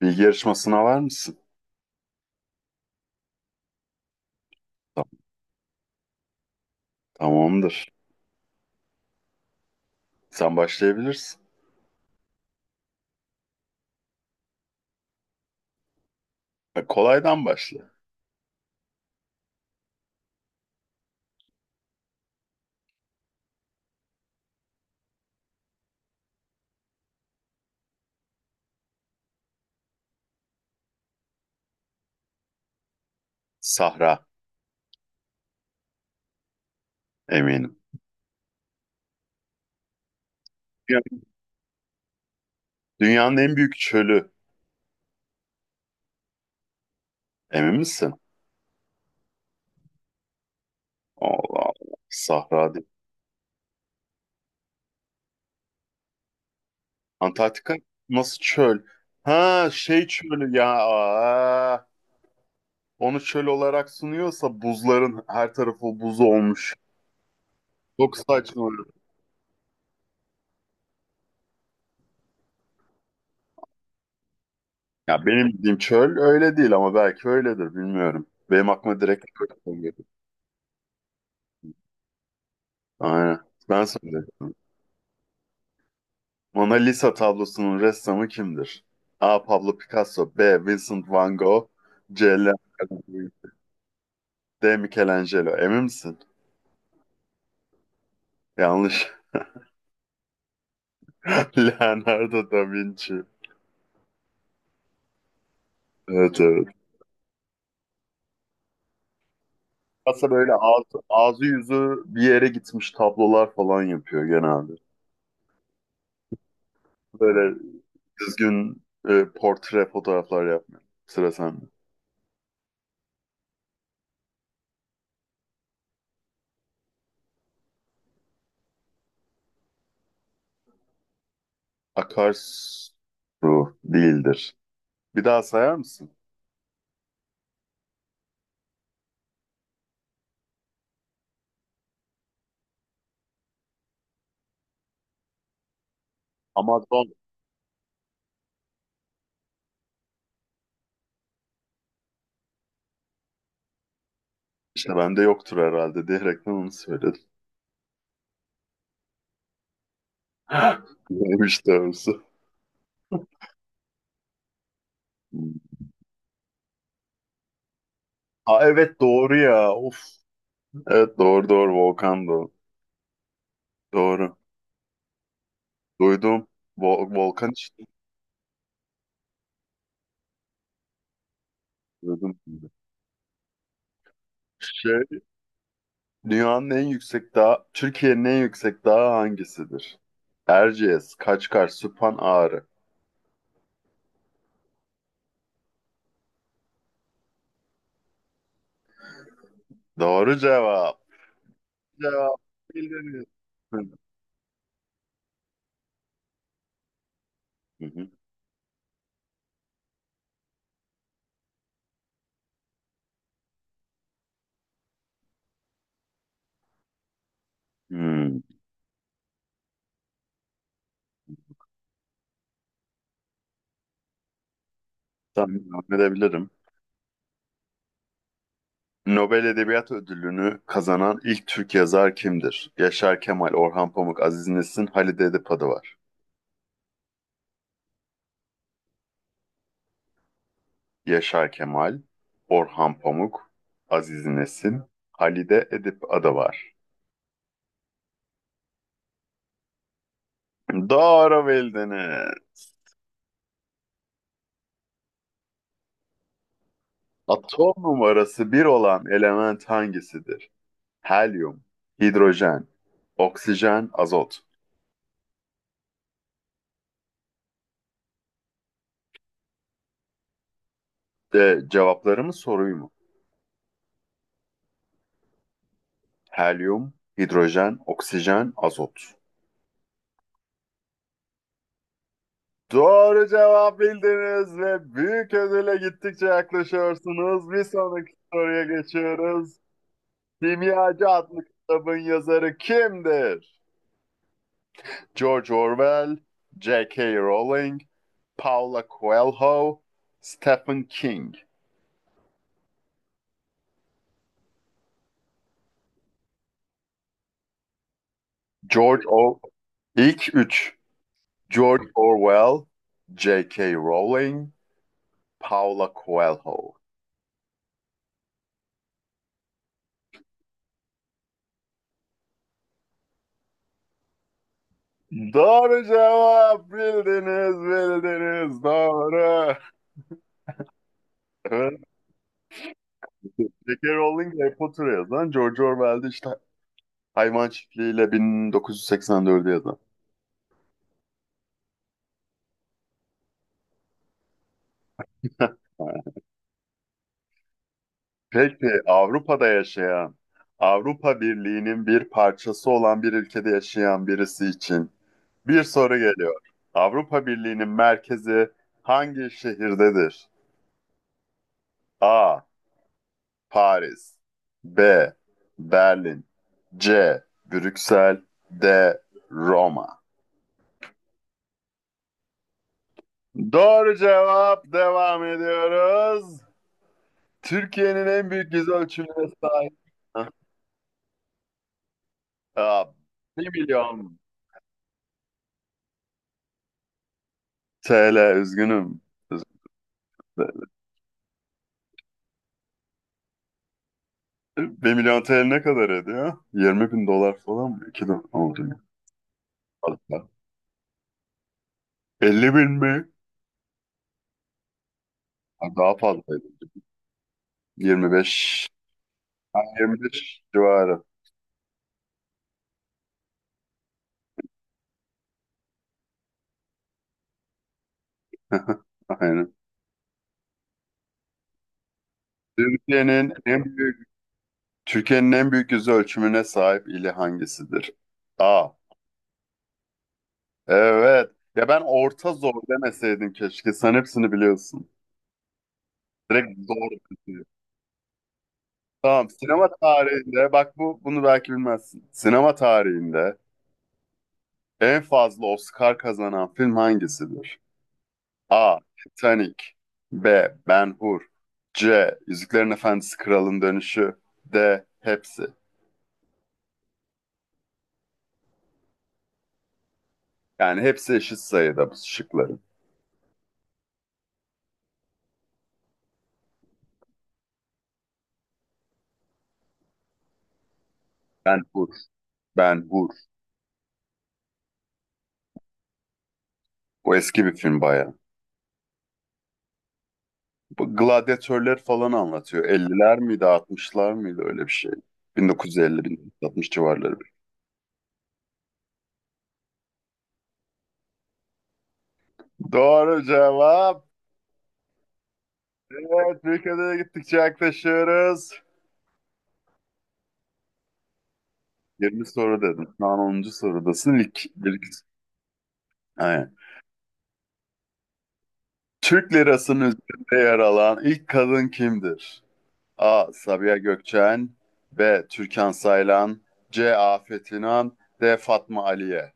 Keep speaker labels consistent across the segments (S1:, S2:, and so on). S1: Bilgi yarışmasına var mısın? Tam- Tamamdır. Sen başlayabilirsin. Kolaydan başla. Sahra. Eminim. Ya, Dünyanın en büyük çölü. Emin misin? Allah Allah. Sahra değil. Antarktika nasıl çöl? Ha, şey çölü ya. Aa, onu çöl olarak sunuyorsa buzların her tarafı buz olmuş. Çok saçma. Ya benim bildiğim çöl öyle değil, ama belki öyledir, bilmiyorum. Benim aklıma direkt çöl geliyor. Aynen. Ben söyleyeyim. Mona Lisa tablosunun ressamı kimdir? A. Pablo Picasso, B. Vincent van Gogh, C. Leonardo da Vinci, D. Michelangelo. Emin misin? Yanlış. Leonardo da Vinci. Evet, evet. Aslında böyle ağzı yüzü bir yere gitmiş tablolar falan yapıyor genelde. Böyle düzgün, portre fotoğraflar yapmıyor. Sıra sende. Akarsu değildir. Bir daha sayar mısın? Amazon, işte bende yoktur herhalde diyerekten onu söyledim. Neymiş doğrusu. Aa, evet, doğru ya. Of. Evet, doğru, doğru, volkan, doğru. Doğru. Duydum. Volkan işte. Duydum şimdi. Şey, dünyanın en yüksek dağı, Türkiye'nin en yüksek dağı hangisidir? Erciyes, Kaçkar, Süphan, Ağrı. Doğru cevap. Cevap. Bildiniz. Hı hı. Hı. Hmm. Tahmin edebilirim. Nobel Edebiyat Ödülünü kazanan ilk Türk yazar kimdir? Yaşar Kemal, Orhan Pamuk, Aziz Nesin, Halide Edip'adı var. Yaşar Kemal, Orhan Pamuk, Aziz Nesin, Halide Edip'adı var. Doğru bildiniz. Atom numarası bir olan element hangisidir? Helyum, hidrojen, oksijen, azot. Cevapları mı, soruyu mu? Helyum, hidrojen, oksijen, azot. Doğru cevap bildiniz ve büyük ödüle gittikçe yaklaşıyorsunuz. Bir sonraki soruya geçiyoruz. Kimyacı adlı kitabın yazarı kimdir? George Orwell, J.K. Rowling, Paula Coelho, Stephen King. George O... İlk üç. George Orwell, J.K. Rowling, Paula Coelho. Doğru cevap, bildiniz, bildiniz, doğru. J.K. Rowling Harry Potter'ı yazan, George Orwell'de işte Hayvan Çiftliği'yle 1984'ü yazan. Peki Avrupa'da yaşayan, Avrupa Birliği'nin bir parçası olan bir ülkede yaşayan birisi için bir soru geliyor. Avrupa Birliği'nin merkezi hangi şehirdedir? A. Paris, B. Berlin, C. Brüksel, D. Roma. Doğru cevap. Devam ediyoruz. Türkiye'nin en büyük yüz ölçümüne sahip. Hah. Aa, 1 milyon TL. Üzgünüm. Üzgünüm. 1 milyon TL ne kadar ediyor? 20.000 dolar falan mı? 2 dolar oldu. Fazla. 50 bin mi? Ha, daha fazlaydı. 25. Ha, 25 civarı. Aynen. Türkiye'nin en büyük Türkiye'nin en büyük yüz ölçümüne sahip ili hangisidir? Aa, evet. Ya ben orta zor demeseydin keşke. Sen hepsini biliyorsun. Direkt zor kaçıyor. Tamam. Sinema tarihinde bak, bunu belki bilmezsin. Sinema tarihinde en fazla Oscar kazanan film hangisidir? A. Titanic, B. Ben-Hur, C. Yüzüklerin Efendisi Kralın Dönüşü, D. Hepsi. Yani hepsi eşit sayıda bu şıkların. Ben-Hur, Ben-Hur. Bu eski bir film bayağı. Bu gladyatörler falan anlatıyor. 50'ler miydi, 60'lar mıydı, öyle bir şey. 1950-1960 civarları. Doğru cevap. Evet, bir kadere gittikçe yaklaşıyoruz. 20 soru dedim. Şu an 10. sorudasın. Aynen. Türk lirasının üzerinde yer alan ilk kadın kimdir? A. Sabiha Gökçen, B. Türkan Saylan, C. Afet İnan, D. Fatma Aliye.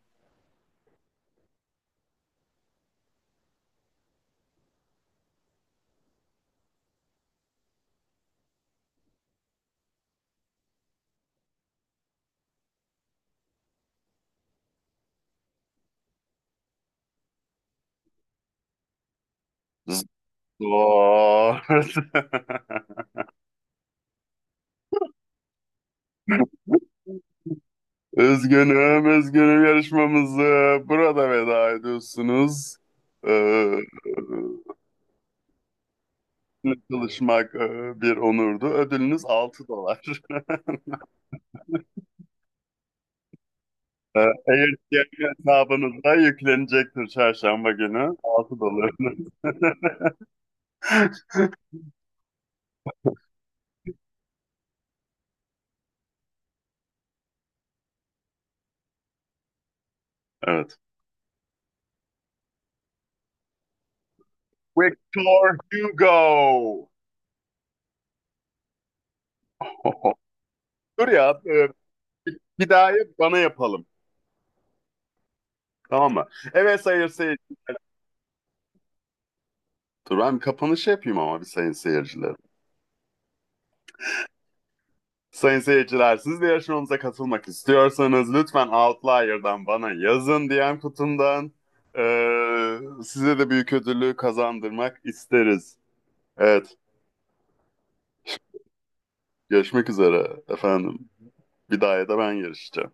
S1: Zor. Üzgünüm, üzgünüm, yarışmamızı burada veda ediyorsunuz. Ee, Sizinle çalışmak, bir onurdu. Ödülünüz 6 dolar. Eğer ki hesabınıza yüklenecektir çarşamba günü. 6 dolarınız. Evet. Victor Hugo. Dur ya. Bir daha bana yapalım. Tamam mı? Evet, sayın seyirciler. Dur, ben kapanışı yapayım ama, bir sayın seyirciler. Sayın seyirciler, siz de yarışmamıza katılmak istiyorsanız, lütfen Outlier'dan bana yazın, DM kutumdan. Ee, Size de büyük ödülü kazandırmak isteriz. Evet, görüşmek üzere efendim. Bir daha da ben yarışacağım.